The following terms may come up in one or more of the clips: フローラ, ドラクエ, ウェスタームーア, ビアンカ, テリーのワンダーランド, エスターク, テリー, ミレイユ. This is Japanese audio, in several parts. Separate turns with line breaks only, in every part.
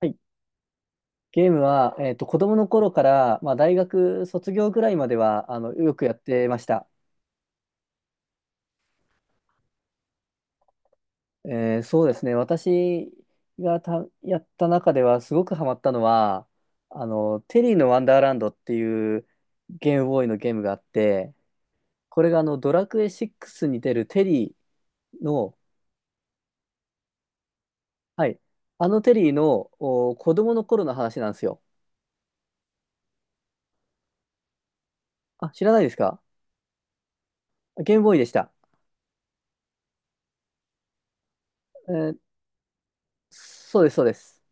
はい。ゲームは、子供の頃から、まあ、大学卒業ぐらいまでは、よくやってました。そうですね。私がやった中では、すごくハマったのは、テリーのワンダーランドっていうゲームボーイのゲームがあって、これがドラクエ6に出るテリーの、はい、あのテリーの、子供の頃の話なんですよ。あ、知らないですか？ゲームボーイでした。えーそうです、そうです。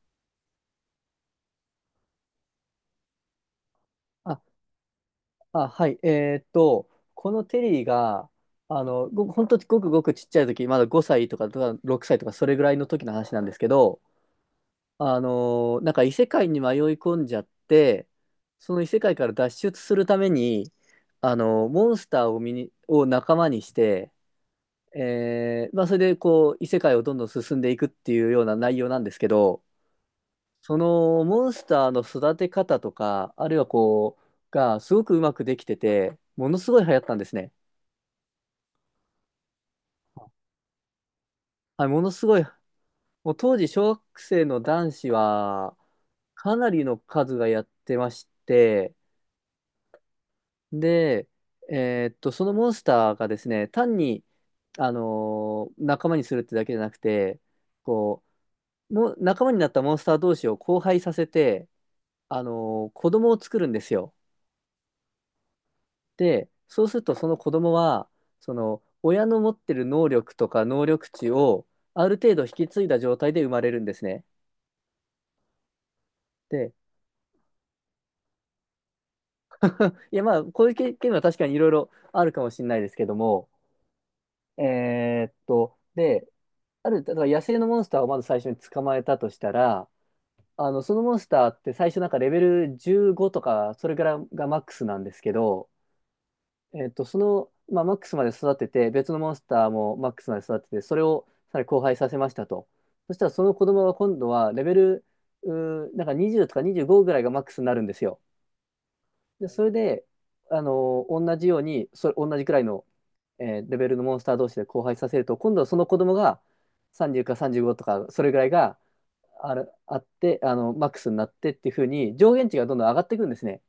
ああ、はい。このテリーが、本当ごくごくちっちゃい時、まだ5歳とか、6歳とか、それぐらいの時の話なんですけど、あのなんか異世界に迷い込んじゃって、その異世界から脱出するために、モンスターをを仲間にして、まあ、それでこう、異世界をどんどん進んでいくっていうような内容なんですけど、そのモンスターの育て方とか、あるいはこう、がすごくうまくできてて、ものすごい流行ったんですね。はい、ものすごい、もう当時小学生の男子はかなりの数がやってまして、で、そのモンスターがですね、単に、あの仲間にするってだけじゃなくて、こう、もう仲間になったモンスター同士を交配させて、子供を作るんですよ。で、そうするとその子供は、その親の持ってる能力とか能力値をある程度引き継いだ状態で生まれるんですね。で、いやまあ、こういう経験は確かにいろいろあるかもしれないですけども、で、だから野生のモンスターをまず最初に捕まえたとしたら、そのモンスターって最初なんかレベル15とか、それからがマックスなんですけど、その、まあ、マックスまで育てて、別のモンスターもマックスまで育てて、それをさらに交配させましたと。そしたらその子供は今度はレベル、うなんか20とか25ぐらいがマックスになるんですよ。で、それで、同じように、同じくらいの、レベルのモンスター同士で交配させると、今度はその子供が30か35とか、それぐらいがあって、マックスになってっていう風に、上限値がどんどん上がっていくんですね。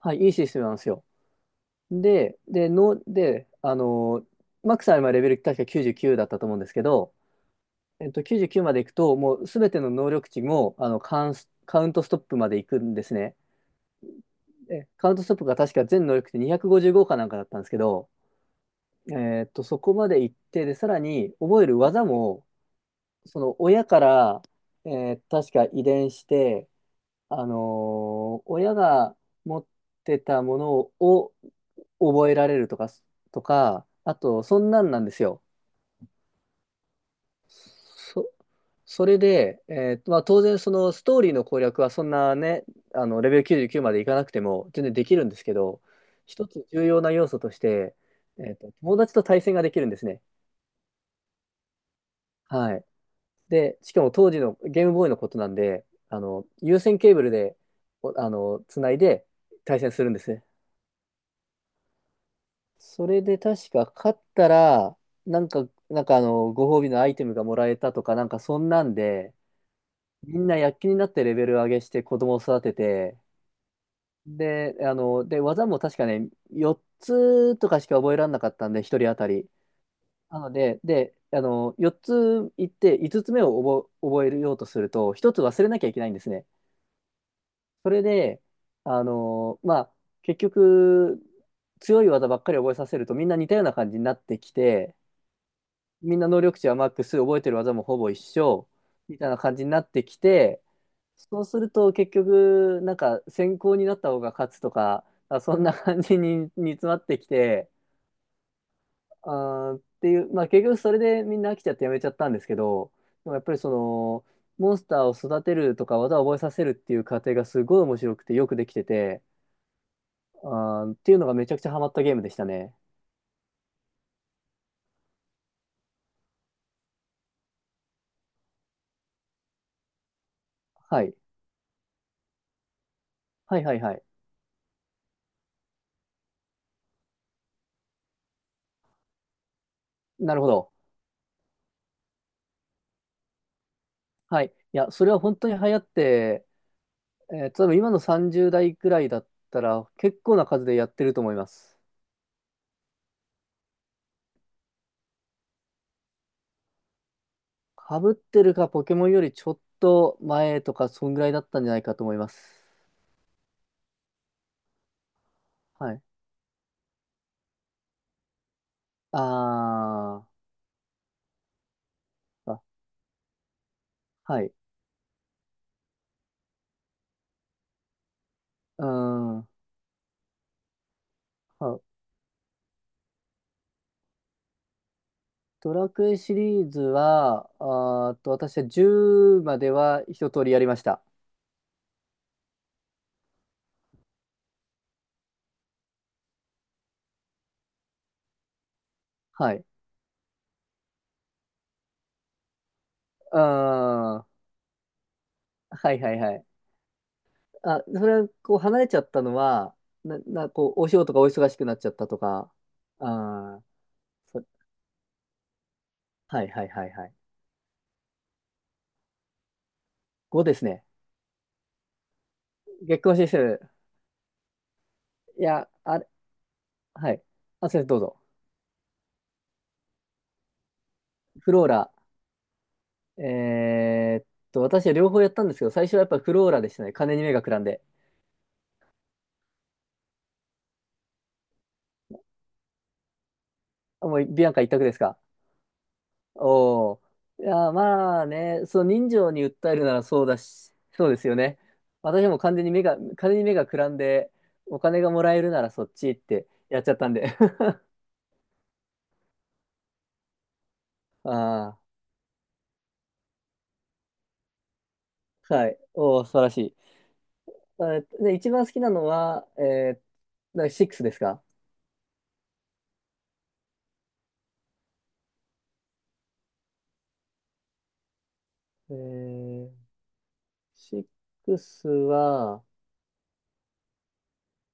はい、いいシステムなんですよ。で、マックスは今レベル確か99だったと思うんですけど、99まで行くと、もうすべての能力値も、カウントストップまで行くんですね。でカウントストップが確か全能力値255かなんかだったんですけど、そこまで行って、で、さらに覚える技も、その親から、え確か遺伝して、親が持ってたものを覚えられるとか、あと、そんなんなんですよ。そ、それで、まあ、当然、そのストーリーの攻略はそんなね、レベル99までいかなくても全然できるんですけど、一つ重要な要素として、友達と対戦ができるんですね。はい。で、しかも当時のゲームボーイのことなんで、有線ケーブルで、おあの、つないで対戦するんですね。それで確か勝ったら、なんか、ご褒美のアイテムがもらえたとか、なんかそんなんで、みんな躍起になってレベル上げして子供を育てて、で、あの、で、技も確かね、4つとかしか覚えられなかったんで、1人当たり。なので、4つ行って、5つ目を覚えようとすると、1つ忘れなきゃいけないんですね。それで、まあ、結局、強い技ばっかり覚えさせると、みんな似たような感じになってきて、みんな能力値はマックス、覚えてる技もほぼ一緒、みたいな感じになってきて、そうすると結局、なんか先行になった方が勝つとか、そんな感じに煮詰まってきて、あーっていう、まあ結局それでみんな飽きちゃってやめちゃったんですけど、でもやっぱりモンスターを育てるとか技を覚えさせるっていう過程がすごい面白くてよくできてて、っていうのがめちゃくちゃハマったゲームでしたね。はい。はいはいはい。なるほど。はい。いや、それは本当に流行って、例えば今の30代くらいだったら結構な数でやってると思います。かぶってるか？ポケモンよりちょっと前とかそんぐらいだったんじゃないかと思います。はい。あー、あ、はい。うーん。はドラクエシリーズは、あーっと、私は10までは一通りやりました。はい。うーん。はいはいはい。あ、それはこう離れちゃったのは、こう、お仕事がお忙しくなっちゃったとか、あー、そはいはいはいはい。5ですね。月光指数。いや、あれ、はい。あ、先生どうぞ。フローラ。えーっ私は両方やったんですけど、最初はやっぱフローラでしたね。金に目がくらんで。あ、もうビアンカ一択ですか？おお。いや、まあね、その人情に訴えるならそうだし、そうですよね。私も完全に目が、金に目がくらんで、お金がもらえるならそっちってやっちゃったんで。ああ、はい。おー素晴らしい。一番好きなのは、だから6ですか？えー、6は、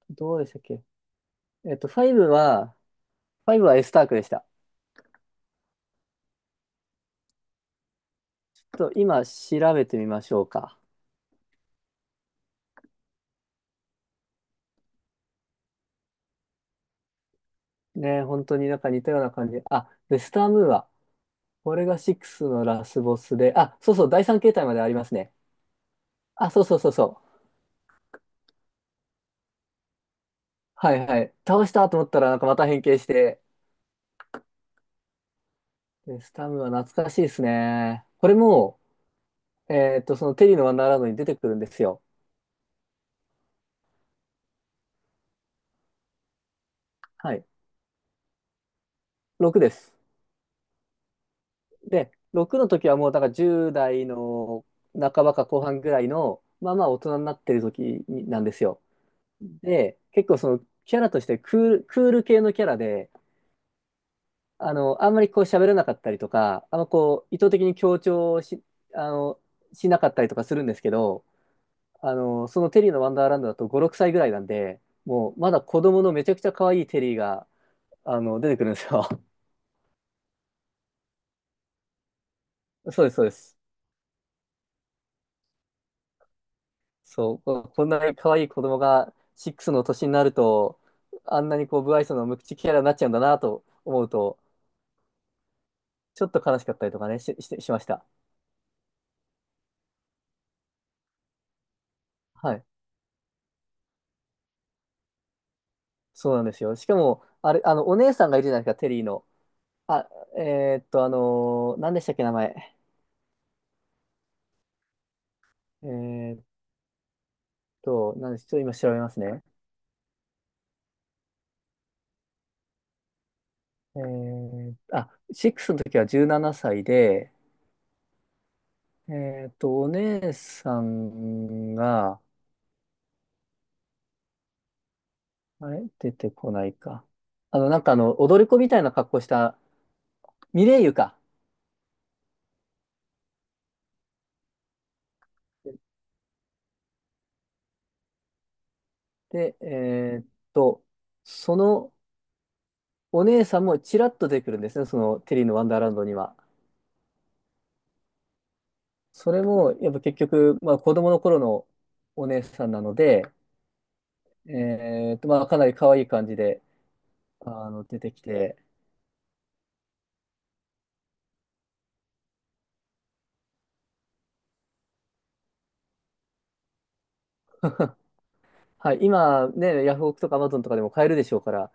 どうでしたっけ？5は、エスタークでした。ちょっと、今、調べてみましょうか？ね、本当になんか似たような感じ。あ、ウェスタームーア。これが6のラスボスで、あ、そうそう、第3形態までありますね。あ、そうそうそうそう。はいはい。倒したと思ったら、なんかまた変形して、ウェスタームーア懐かしいですね。これも、そのテリーのワンダーランドに出てくるんですよ。はい。6です。で、6の時はもうだから10代の半ばか後半ぐらいの、まあまあ大人になってる時になんですよ。うんで、結構そのキャラとしてクール系のキャラで、あんまりこう喋らなかったりとか、あんまこう意図的に強調し、あの、しなかったりとかするんですけど、そのテリーのワンダーランドだと5、6歳ぐらいなんで、もうまだ子供のめちゃくちゃ可愛いテリーが、出てくるんですよ。そうです、そうです。そう、ここんなに可愛い子供が6の年になると、あんなにこう、無愛想の無口キャラになっちゃうんだなと思うと、ちょっと悲しかったりとかね、しました。はい。そうなんですよ。しかも、あれ、お姉さんがいるじゃないですか、テリーの。あ、何でしたっけ、名前。えーっ何でしょう、今調べますね。あ、6の時は17歳で、お姉さんが、あれ出てこないか。なんか踊り子みたいな格好した、ミレイユか。で、と、そのお姉さんもちらっと出てくるんですね、そのテリーのワンダーランドには。それも、やっぱ結局、まあ子供の頃のお姉さんなので、まあかなり可愛い感じで、出てきて、はい、今ね、ヤフオクとかアマゾンとかでも買えるでしょうから、